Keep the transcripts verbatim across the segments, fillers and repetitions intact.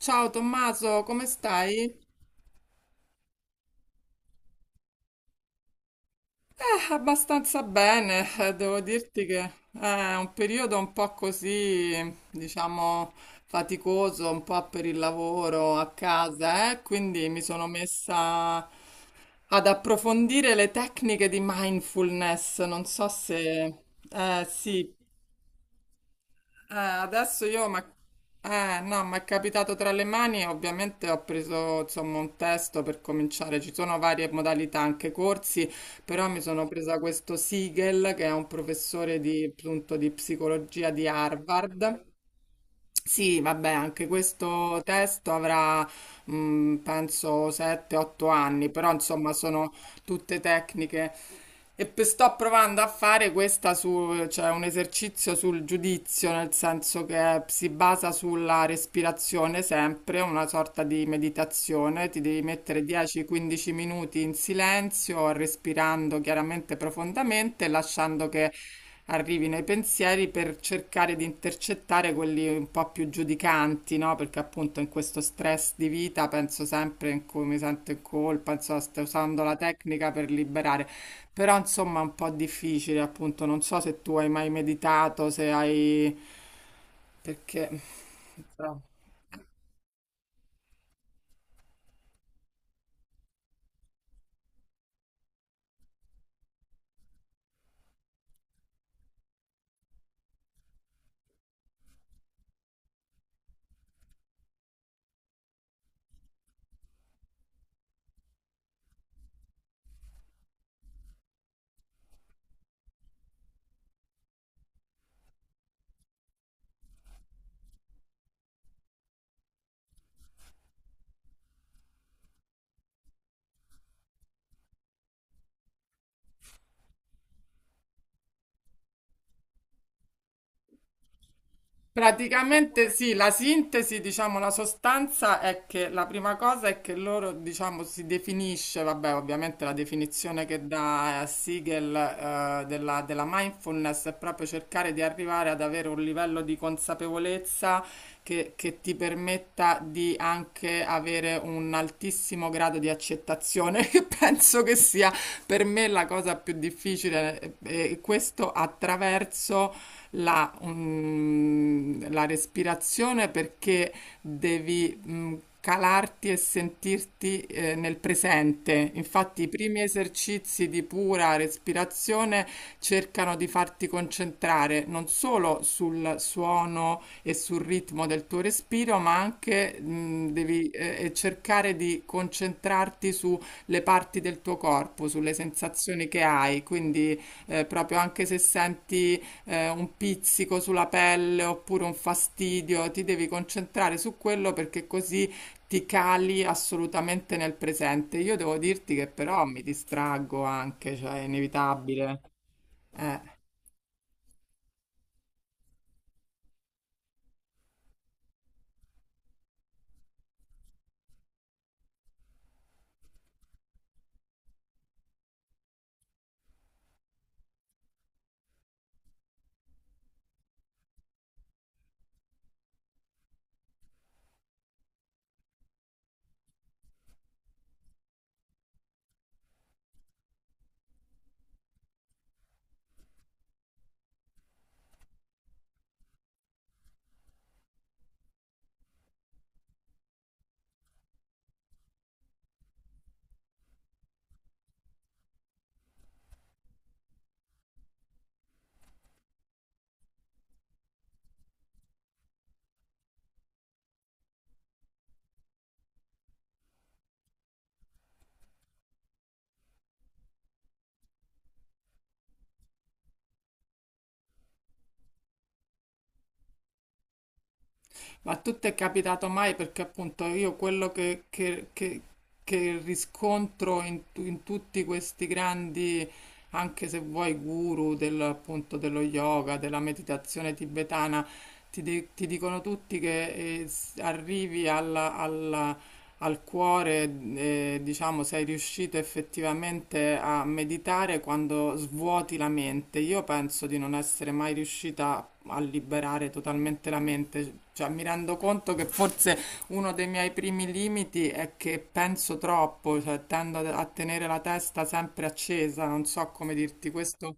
Ciao Tommaso, come stai? Ah, abbastanza bene, eh, devo dirti che è un periodo un po' così, diciamo, faticoso, un po' per il lavoro a casa, eh? Quindi mi sono messa ad approfondire le tecniche di mindfulness. Non so se... Eh sì. Eh, adesso io, ma... Eh, no, mi è capitato tra le mani, ovviamente ho preso insomma un testo per cominciare, ci sono varie modalità, anche corsi, però mi sono presa questo Siegel che è un professore di, appunto, di psicologia di Harvard. Sì, vabbè, anche questo testo avrà, mh, penso, sette otto anni, però insomma sono tutte tecniche. E pe- sto provando a fare questa su, cioè un esercizio sul giudizio, nel senso che si basa sulla respirazione sempre, una sorta di meditazione. Ti devi mettere dieci quindici minuti in silenzio, respirando chiaramente profondamente, lasciando che arrivino i pensieri per cercare di intercettare quelli un po' più giudicanti, no? Perché appunto in questo stress di vita penso sempre in cui mi sento in colpa, insomma, sto usando la tecnica per liberare. Però insomma è un po' difficile, appunto, non so se tu hai mai meditato, se hai... perché... Praticamente sì, la sintesi, diciamo, la sostanza è che la prima cosa è che loro, diciamo, si definisce, vabbè, ovviamente la definizione che dà eh, Siegel eh, della, della mindfulness è proprio cercare di arrivare ad avere un livello di consapevolezza che, che ti permetta di anche avere un altissimo grado di accettazione, che penso che sia per me la cosa più difficile, eh, e questo attraverso la, mm, la respirazione perché devi mm, calarti e sentirti, eh, nel presente. Infatti, i primi esercizi di pura respirazione cercano di farti concentrare non solo sul suono e sul ritmo del tuo respiro, ma anche, mh, devi, eh, cercare di concentrarti sulle parti del tuo corpo, sulle sensazioni che hai. Quindi, eh, proprio anche se senti, eh, un pizzico sulla pelle oppure un fastidio, ti devi concentrare su quello perché così ti cali assolutamente nel presente. Io devo dirti che però mi distraggo anche, cioè è inevitabile. Eh. Ma a tu ti è capitato mai? Perché appunto io quello che, che- che- che riscontro in, in tutti questi grandi, anche se vuoi, guru del, appunto, dello yoga, della meditazione tibetana, ti, di- ti dicono tutti che, eh, s- arrivi alla- alla- al cuore, eh, diciamo, sei riuscito effettivamente a meditare quando svuoti la mente. Io penso di non essere mai riuscita a liberare totalmente la mente. Cioè, mi rendo conto che forse uno dei miei primi limiti è che penso troppo, cioè tendo a a tenere la testa sempre accesa, non so come dirti questo.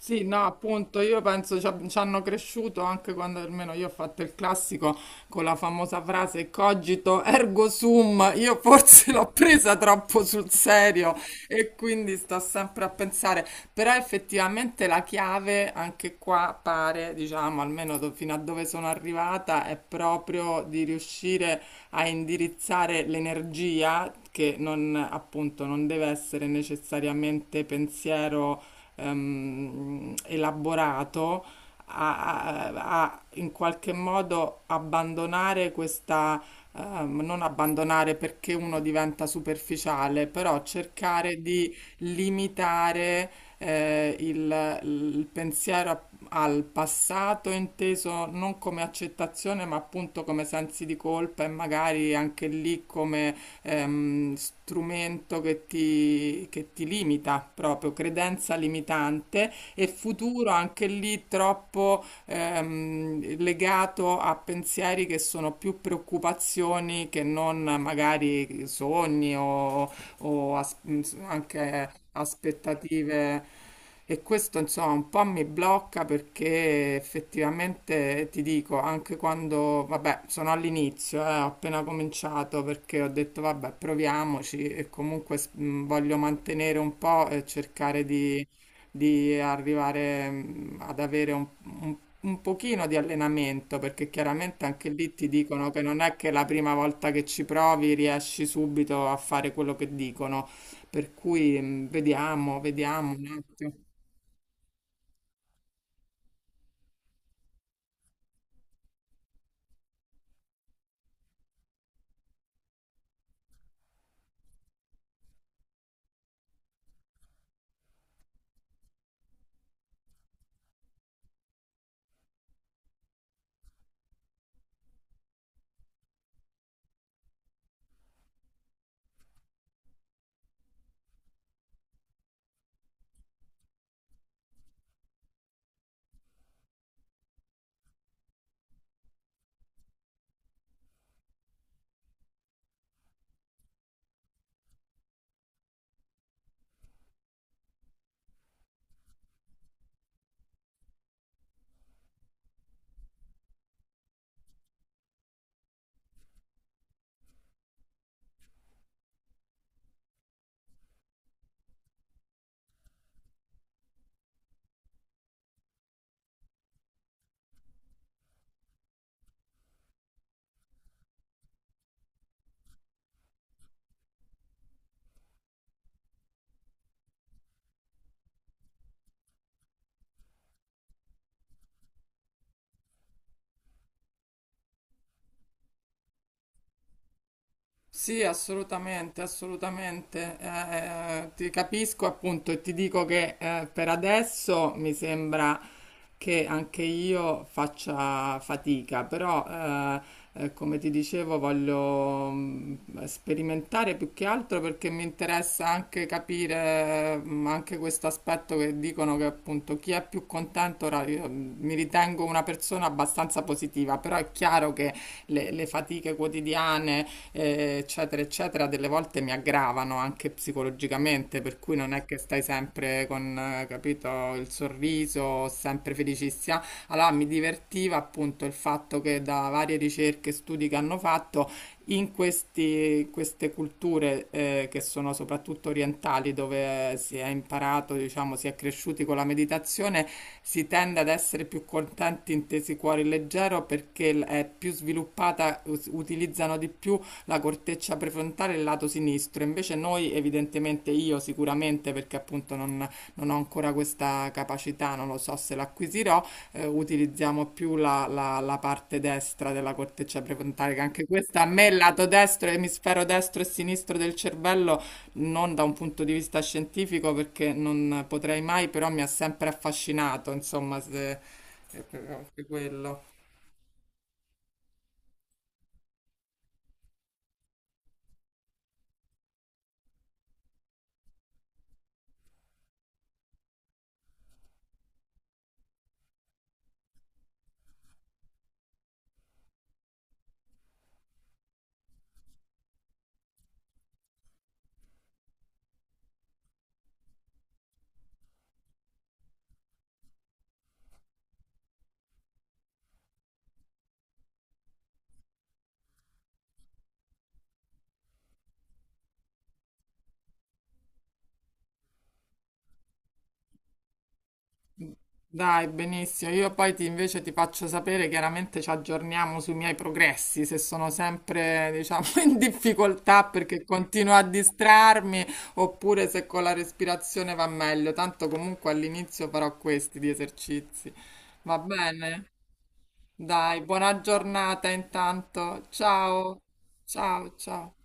Sì, no, appunto, io penso ci ab- ci hanno cresciuto anche quando almeno io ho fatto il classico con la famosa frase cogito ergo sum, io forse l'ho presa troppo sul serio e quindi sto sempre a pensare, però effettivamente la chiave anche qua pare, diciamo, almeno do- fino a dove sono arrivata, è proprio di riuscire a indirizzare l'energia che non, appunto, non deve essere necessariamente pensiero, ehm, elaborato, a, a- a in qualche modo abbandonare questa, ehm, non abbandonare perché uno diventa superficiale, però cercare di limitare, eh, il, il pensiero a- al passato inteso non come accettazione, ma appunto come sensi di colpa e magari anche lì come, ehm, strumento che ti, che ti limita proprio, credenza limitante e futuro anche lì troppo, ehm, legato a pensieri che sono più preoccupazioni che non magari sogni o o as- anche aspettative. E questo insomma un po' mi blocca perché effettivamente ti dico, anche quando, vabbè, sono all'inizio, eh, ho appena cominciato perché ho detto vabbè, proviamoci e comunque s- mh, voglio mantenere un po' e cercare di, di arrivare, mh, ad avere un, un un pochino di allenamento, perché chiaramente anche lì ti dicono che non è che la prima volta che ci provi riesci subito a fare quello che dicono, per cui, mh, vediamo, vediamo un attimo. Sì, assolutamente, assolutamente. Eh, ti capisco appunto e ti dico che, eh, per adesso mi sembra che anche io faccia fatica, però, eh, eh, come ti dicevo voglio, mh, sperimentare più che altro perché mi interessa anche capire, mh, anche questo aspetto che dicono che appunto chi è più contento, ora io, mh, mi ritengo una persona abbastanza positiva, però è chiaro che le le fatiche quotidiane, eh, eccetera, eccetera, delle volte mi aggravano anche psicologicamente, per cui non è che stai sempre con, eh, capito, il sorriso, sempre felicissima. Allora mi divertiva appunto il fatto che da varie ricerche e studi che hanno fatto in questi- queste culture, eh, che sono soprattutto orientali, dove si è imparato, diciamo, si è cresciuti con la meditazione, si tende ad essere più contenti, intesi cuore leggero, perché l- è più sviluppata, us- utilizzano di più la corteccia prefrontale e il lato sinistro. Invece noi, evidentemente io sicuramente, perché appunto non, non ho ancora questa capacità, non lo so se l'acquisirò, eh, utilizziamo più la, la- la parte destra della corteccia prefrontale, che anche questa a me il lato destro, emisfero destro e sinistro del cervello, non da un punto di vista scientifico, perché non potrei mai, però mi ha sempre affascinato, insomma, se, è proprio anche quello. Dai, benissimo. Io poi ti- invece ti faccio sapere, chiaramente ci aggiorniamo sui miei progressi, se sono sempre, diciamo, in difficoltà perché continuo a distrarmi, oppure se con la respirazione va meglio. Tanto comunque all'inizio farò questi di esercizi. Va bene? Dai, buona giornata intanto. Ciao. Ciao, ciao.